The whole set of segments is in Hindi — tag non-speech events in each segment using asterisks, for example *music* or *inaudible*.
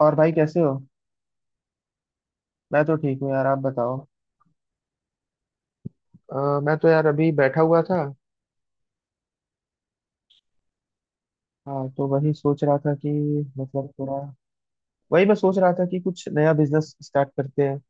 और भाई कैसे हो। मैं तो ठीक हूँ यार, आप बताओ। मैं तो यार अभी बैठा हुआ था। हाँ, तो वही सोच रहा था कि मतलब थोड़ा, वही मैं सोच रहा था कि कुछ नया बिजनेस स्टार्ट करते हैं।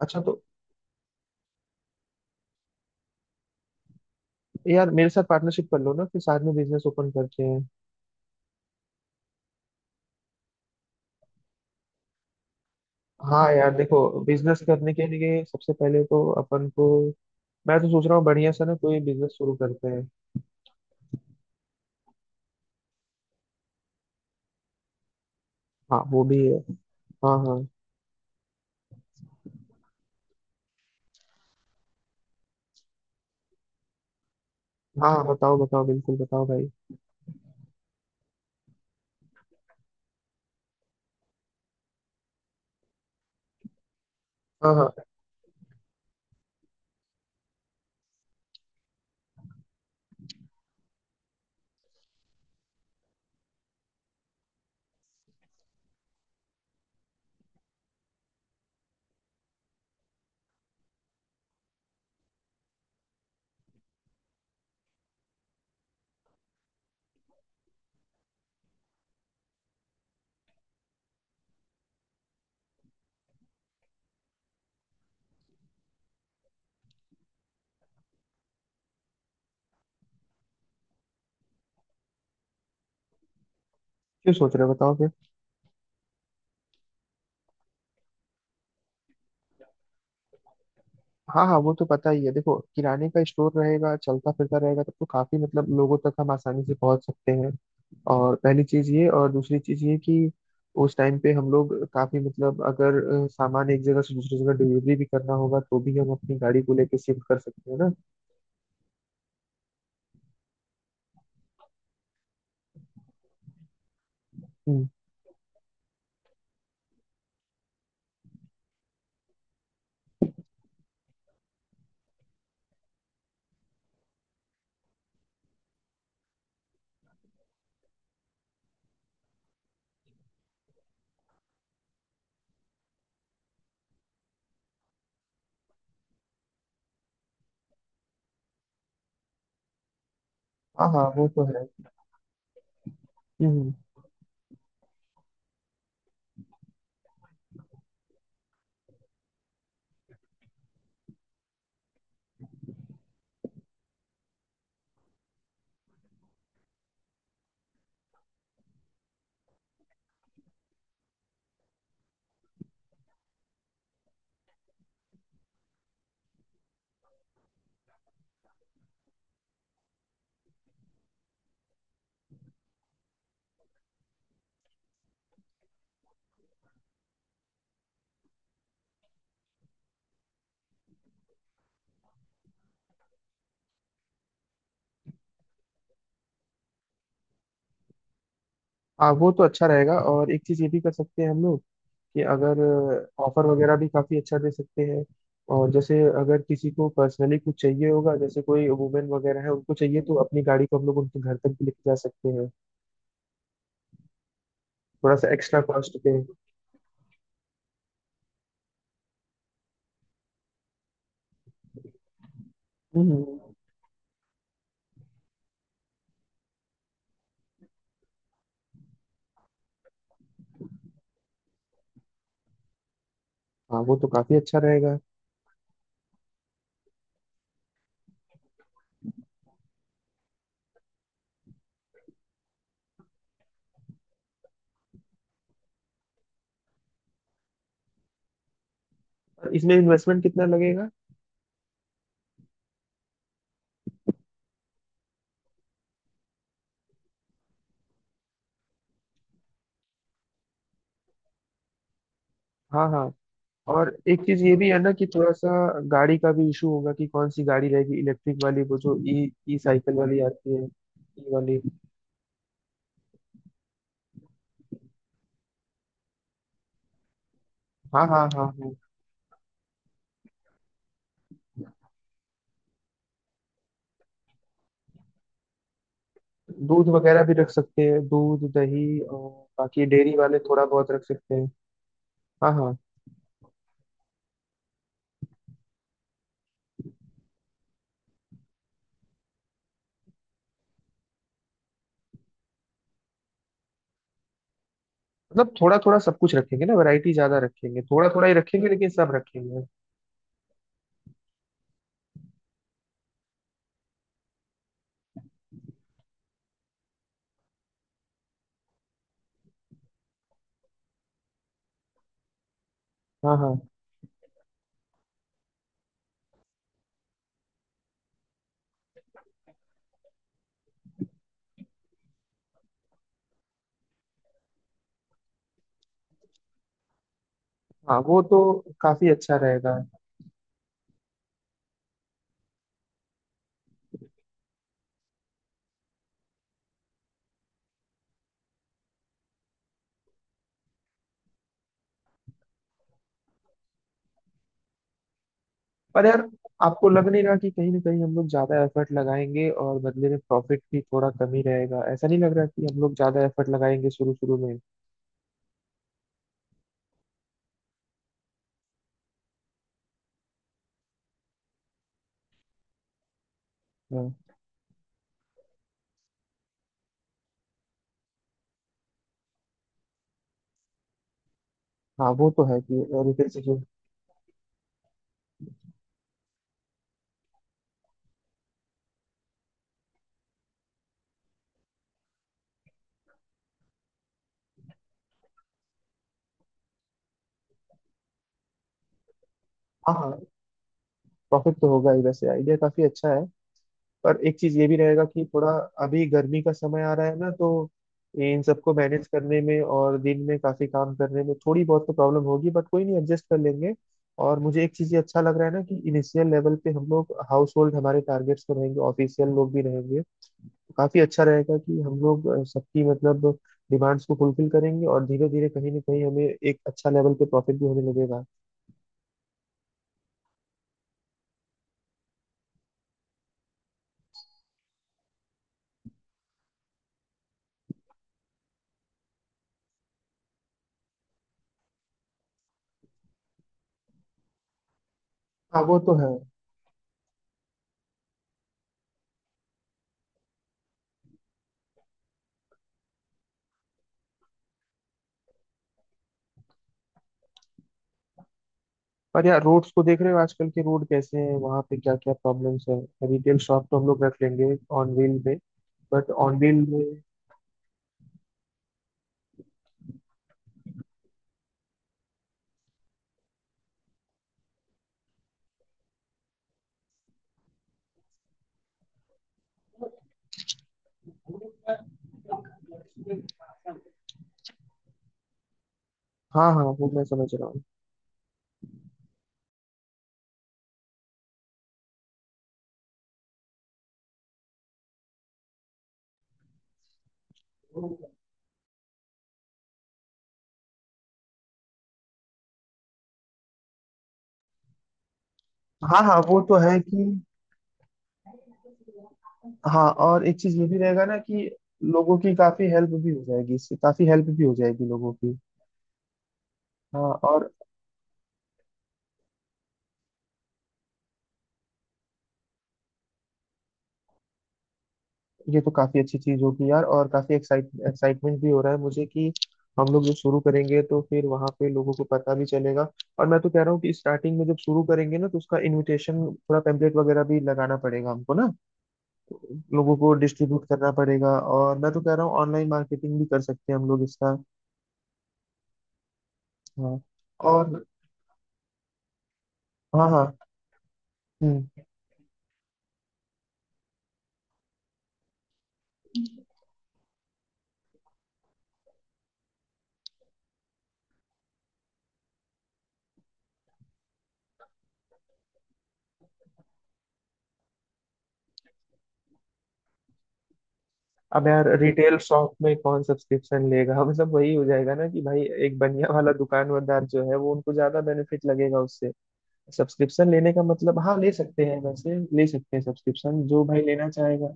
अच्छा तो यार, मेरे साथ पार्टनरशिप कर लो ना, फिर साथ में बिजनेस ओपन करते हैं। हाँ यार देखो, बिजनेस करने के लिए सबसे पहले तो अपन को, मैं तो सोच रहा हूँ बढ़िया सा ना कोई बिजनेस शुरू करते हैं। हाँ वो भी है। हाँ हाँ। हाँ हाँ, बताओ बताओ बिल्कुल बताओ भाई। हाँ हाँ। क्यों सोच रहे हो, बताओ फिर। हाँ हाँ, वो तो पता ही है। देखो, किराने का स्टोर रहेगा चलता फिरता, रहेगा तब तो काफी मतलब लोगों तक हम आसानी से पहुंच सकते हैं। और पहली चीज ये, और दूसरी चीज ये कि उस टाइम पे हम लोग काफी मतलब अगर सामान एक जगह से दूसरी जगह डिलीवरी भी करना होगा तो भी हम अपनी गाड़ी को लेके शिफ्ट कर सकते हैं ना। हम्म। हाँ हाँ, वो तो है। हम्म। हाँ, वो तो अच्छा रहेगा। और एक चीज ये भी कर सकते हैं हम लोग कि अगर ऑफर वगैरह भी काफ़ी अच्छा दे सकते हैं। और जैसे अगर किसी को पर्सनली कुछ चाहिए होगा, जैसे कोई वुमेन वगैरह है उनको चाहिए, तो अपनी गाड़ी को हम लोग उनके घर तक भी लेके जा सकते हैं, थोड़ा सा एक्स्ट्रा कॉस्ट पे। हम्म। हाँ, वो तो काफ़ी अच्छा रहेगा। और इसमें इन्वेस्टमेंट कितना लगेगा? हाँ हाँ। और एक चीज़ ये भी है ना कि थोड़ा सा गाड़ी का भी इशू होगा कि कौन सी गाड़ी रहेगी, इलेक्ट्रिक वाली, वो जो ई ई साइकिल वाली आती है ई वाली। हाँ हाँ हाँ हाँ। दूध वगैरह भी रख सकते हैं, दूध दही और बाकी डेयरी वाले थोड़ा बहुत रख सकते हैं। हाँ हाँ। मतलब थोड़ा थोड़ा सब कुछ रखेंगे ना, वैरायटी ज्यादा रखेंगे, थोड़ा थोड़ा ही रखेंगे लेकिन सब रखेंगे। हाँ हाँ। हाँ, वो तो काफी अच्छा रहेगा। पर यार आपको लग नहीं रहा कि कहीं ना कहीं हम लोग ज्यादा एफर्ट लगाएंगे और बदले में प्रॉफिट भी थोड़ा कम ही रहेगा? ऐसा नहीं लग रहा कि हम लोग ज्यादा एफर्ट लगाएंगे शुरू शुरू में? हाँ हाँ, वो तो है कि रिटेल से जो। हाँ हाँ। प्रॉफिट तो होगा ही, वैसे आइडिया काफी अच्छा है। पर एक चीज ये भी रहेगा कि थोड़ा अभी गर्मी का समय आ रहा है ना, तो इन सबको मैनेज करने में और दिन में काफी काम करने में थोड़ी बहुत तो प्रॉब्लम होगी, बट कोई नहीं, एडजस्ट कर लेंगे। और मुझे एक चीज ये अच्छा लग रहा है ना कि इनिशियल लेवल पे हम लोग हाउस होल्ड हमारे टारगेट्स पे रहेंगे, ऑफिशियल लोग भी रहेंगे। तो काफी अच्छा रहेगा कि हम लोग सबकी मतलब डिमांड्स को फुलफिल करेंगे, और धीरे धीरे कहीं ना कहीं हमें एक अच्छा लेवल पे प्रॉफिट भी होने लगेगा। हाँ वो तो है। पर यार रोड्स को देख रहे हो आजकल के, रोड कैसे हैं वहां पे, क्या क्या प्रॉब्लम्स है। रिटेल शॉप तो हम लोग रख लेंगे ऑन व्हील में, बट ऑन व्हील में। हाँ हाँ, वो मैं समझ रहा हूँ। हाँ हाँ, वो तो है कि। हाँ, और एक चीज ये भी रहेगा ना कि लोगों की काफी हेल्प भी हो जाएगी इससे, काफी हेल्प भी हो जाएगी लोगों की। हाँ और, ये तो काफी अच्छी चीज होगी यार, और काफी एक्साइट एक्साइटमेंट भी हो रहा है मुझे कि हम लोग जब शुरू करेंगे तो फिर वहां पे लोगों को पता भी चलेगा। और मैं तो कह रहा हूँ कि स्टार्टिंग में जब शुरू करेंगे ना तो उसका इनविटेशन, थोड़ा पेम्पलेट वगैरह भी लगाना पड़ेगा हमको ना, लोगों को डिस्ट्रीब्यूट करना पड़ेगा। और मैं तो कह रहा हूँ ऑनलाइन मार्केटिंग भी कर सकते हैं हम लोग इसका। हाँ और। हाँ हाँ। हम्म। अब यार रिटेल शॉप में कौन सब्सक्रिप्शन लेगा *laughs* हमें सब वही हो जाएगा ना कि भाई एक बनिया वाला दुकानदार जो है वो उनको ज्यादा बेनिफिट लगेगा उससे। सब्सक्रिप्शन लेने का मतलब, हाँ ले सकते हैं, वैसे ले सकते हैं सब्सक्रिप्शन जो भाई लेना चाहेगा।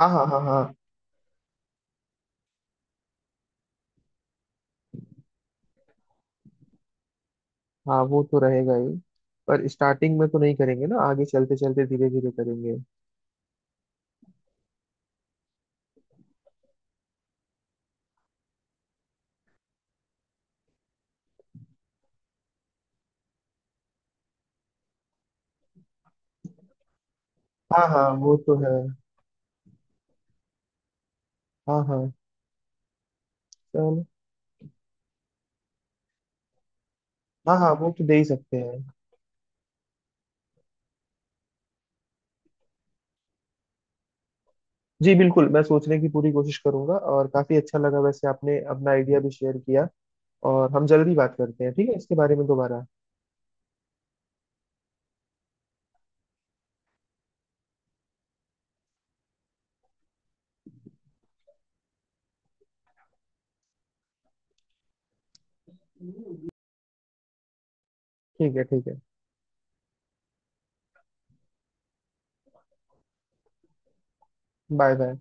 हाँ हाँ हाँ हाँ। हाँ वो तो रहेगा ही। पर स्टार्टिंग में तो नहीं करेंगे ना, आगे चलते चलते धीरे धीरे करेंगे। हाँ हाँ वो तो है। हाँ हाँ, चलो। हाँ हाँ, वो तो दे ही सकते हैं। जी बिल्कुल, मैं सोचने की पूरी कोशिश करूंगा, और काफी अच्छा लगा वैसे आपने अपना आइडिया भी शेयर किया। और हम जल्दी बात करते हैं, ठीक है, इसके बारे में दोबारा। ठीक है, ठीक है। Bye bye.